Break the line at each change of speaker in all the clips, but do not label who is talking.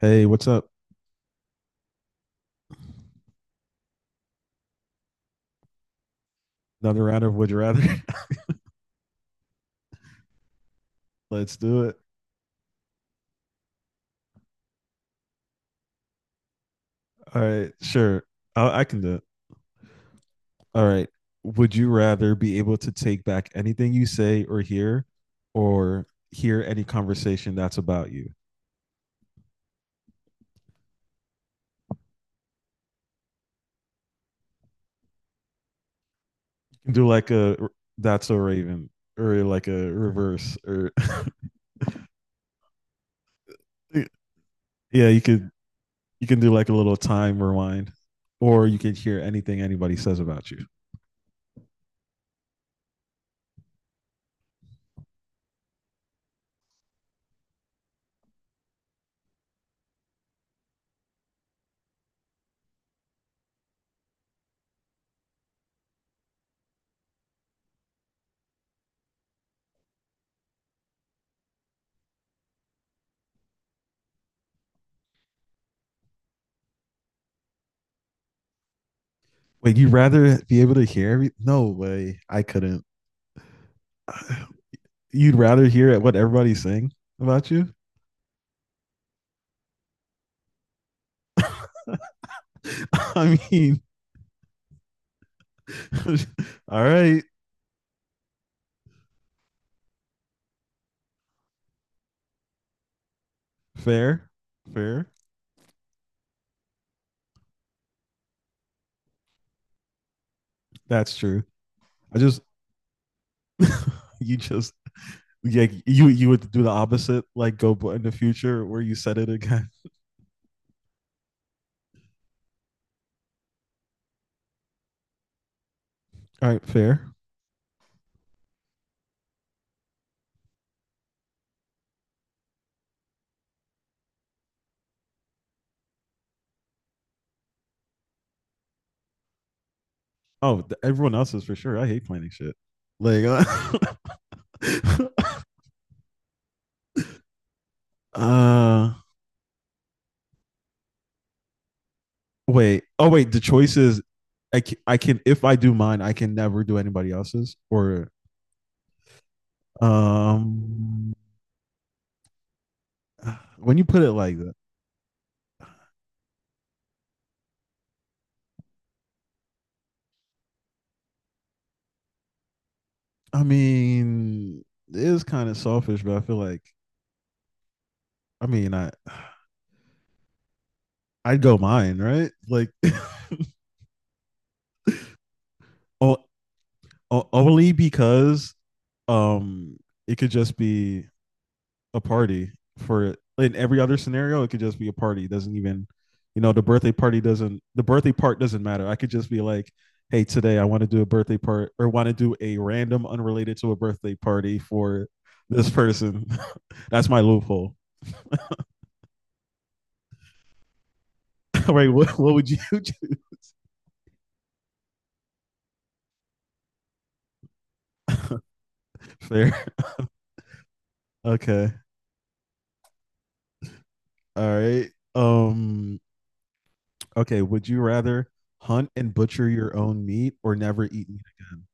Hey, what's up? Another round of Would You Rather? Let's do it. All right, sure. I can do it. All right. Would you rather be able to take back anything you say or hear any conversation that's about you? You can do like that's a Raven or like a reverse or yeah, you could. You can do like a little time rewind, or you can hear anything anybody says about you. Wait, you'd rather be able to hear every? No way, I couldn't. You'd rather hear what everybody's saying about you? I mean, all right. Fair, fair. That's true. I just you just yeah, you would do the opposite, like go in the future where you said it again. All right, fair. Oh, everyone else is for sure. I hate planning shit. Like, uh wait. Oh, wait. The choice is, I can if I do mine, I can never do anybody else's. Or um, when you put it like that, I mean, it is kind of selfish, but I feel like, I mean, I. I'd go mine, right? Like, o- only because um it could just be a party for. In every other scenario it could just be a party. It doesn't even, you know, the birthday party doesn't, the birthday part doesn't matter. I could just be like, hey, today I want to do a birthday part, or want to do a random unrelated to a birthday party for this person. That's my loophole. Right? What would you do? Fair. Okay, all right, um okay, would you rather hunt and butcher your own meat or never eat meat again?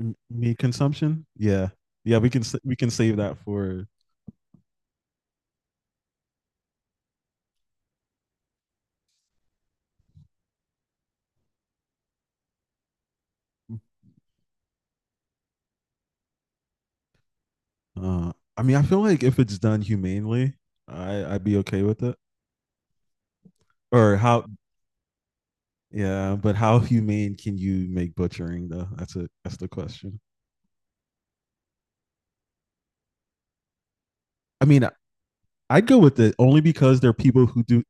Meat consumption? Yeah, yeah, we can we can save that for. Uh, I mean, I feel like if it's done humanely, I'd be okay with it. Or how? Yeah, but how humane can you make butchering though? That's the question. I mean, I- I'd go with it only because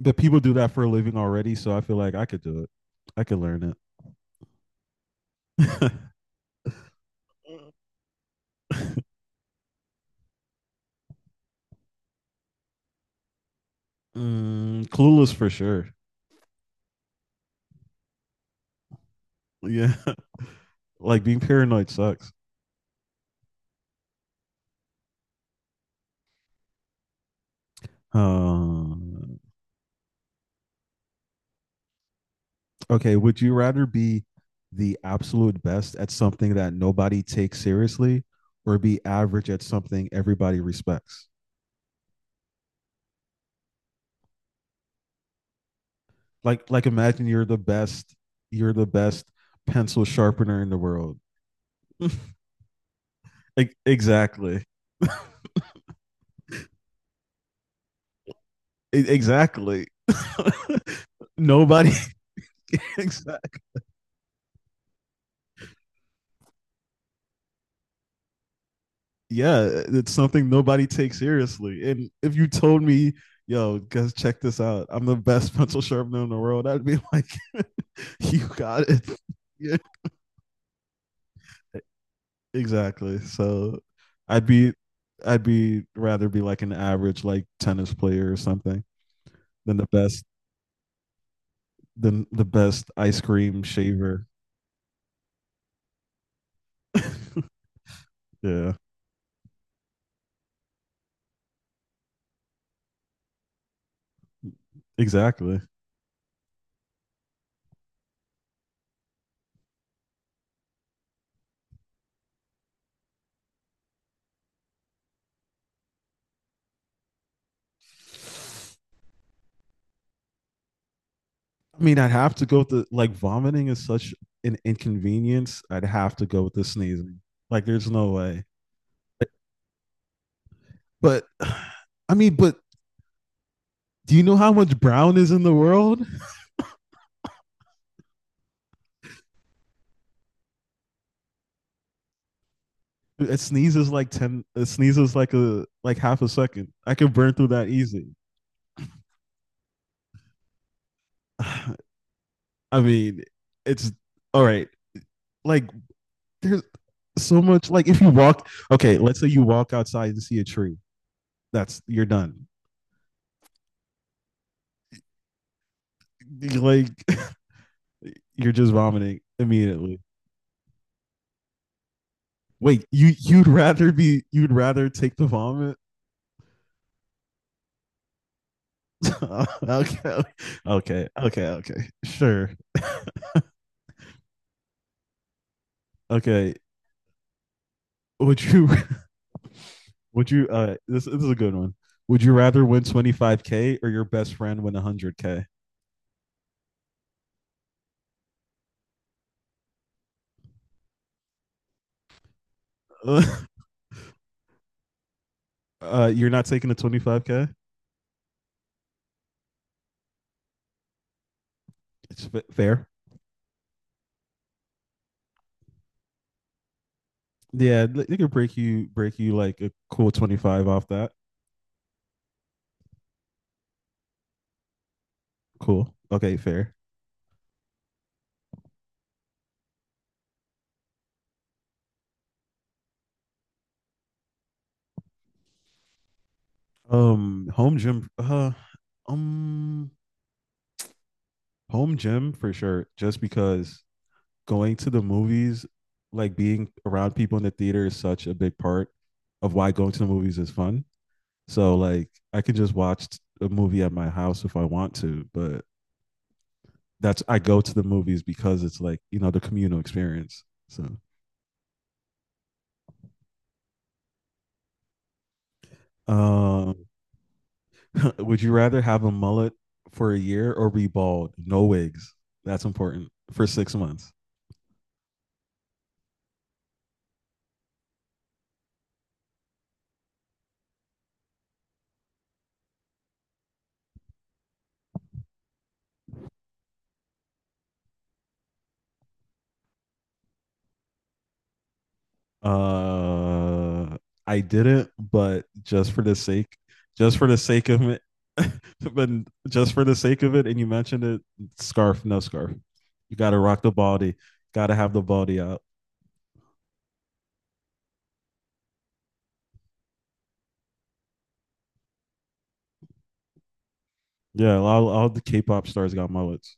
the people do that for a living already, so I feel like I could do it. I could learn it. Mm, clueless for sure. Yeah. Like being paranoid sucks. Um, okay, would you rather be the absolute best at something that nobody takes seriously, or be average at something everybody respects? Like imagine you're the best pencil sharpener in the world. E- exactly, exactly. Nobody, exactly. Yeah, it's something nobody takes seriously. And if you told me, yo, guys, check this out, I'm the best pencil sharpener in the world, I'd be like, you got it. Yeah, exactly. So I'd be, I'd be rather be like an average like tennis player or something than the best, than the best ice cream shaver. Yeah, exactly. I mean, I'd have to go with the like vomiting is such an inconvenience. I'd have to go with the sneezing. Like, there's no way. But I mean, but do you know how much brown is in the world? It sneezes like ten. It sneezes like a like half a second. I can burn through that easy. I mean, it's all right. Like there's so much. Like if you walk, okay, let's say you walk outside and see a tree. That's you're done. Like you're just vomiting immediately. Wait, you'd rather be, you'd rather take the vomit? Okay, okay, okay, okay. Sure. Okay, would you would you this is a good one. Would you rather win 25K or your best friend win 100K? You're not taking a 25K? It's fair. Yeah, they could break you like a cool 25 off that. Cool. Okay, fair. Um home gym uh um home gym for sure just because going to the movies, like being around people in the theater is such a big part of why going to the movies is fun. So like I can just watch a movie at my house if I want to, but that's, I go to the movies because it's like, you know, the communal experience. So um would you rather have a mullet for a year or be bald? No wigs. That's important. For 6 months. Uh, I didn't, but just for the sake, just for the sake of it, but just for the sake of it, and you mentioned it, scarf, no scarf. You got to rock the baldy. Got to have the baldy out. Yeah, all the K-pop stars got mullets.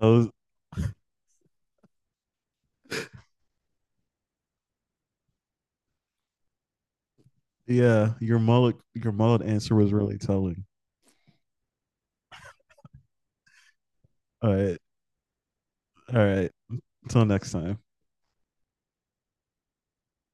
Oh, yeah, your mullet answer was really telling. All right, all right. Until next time.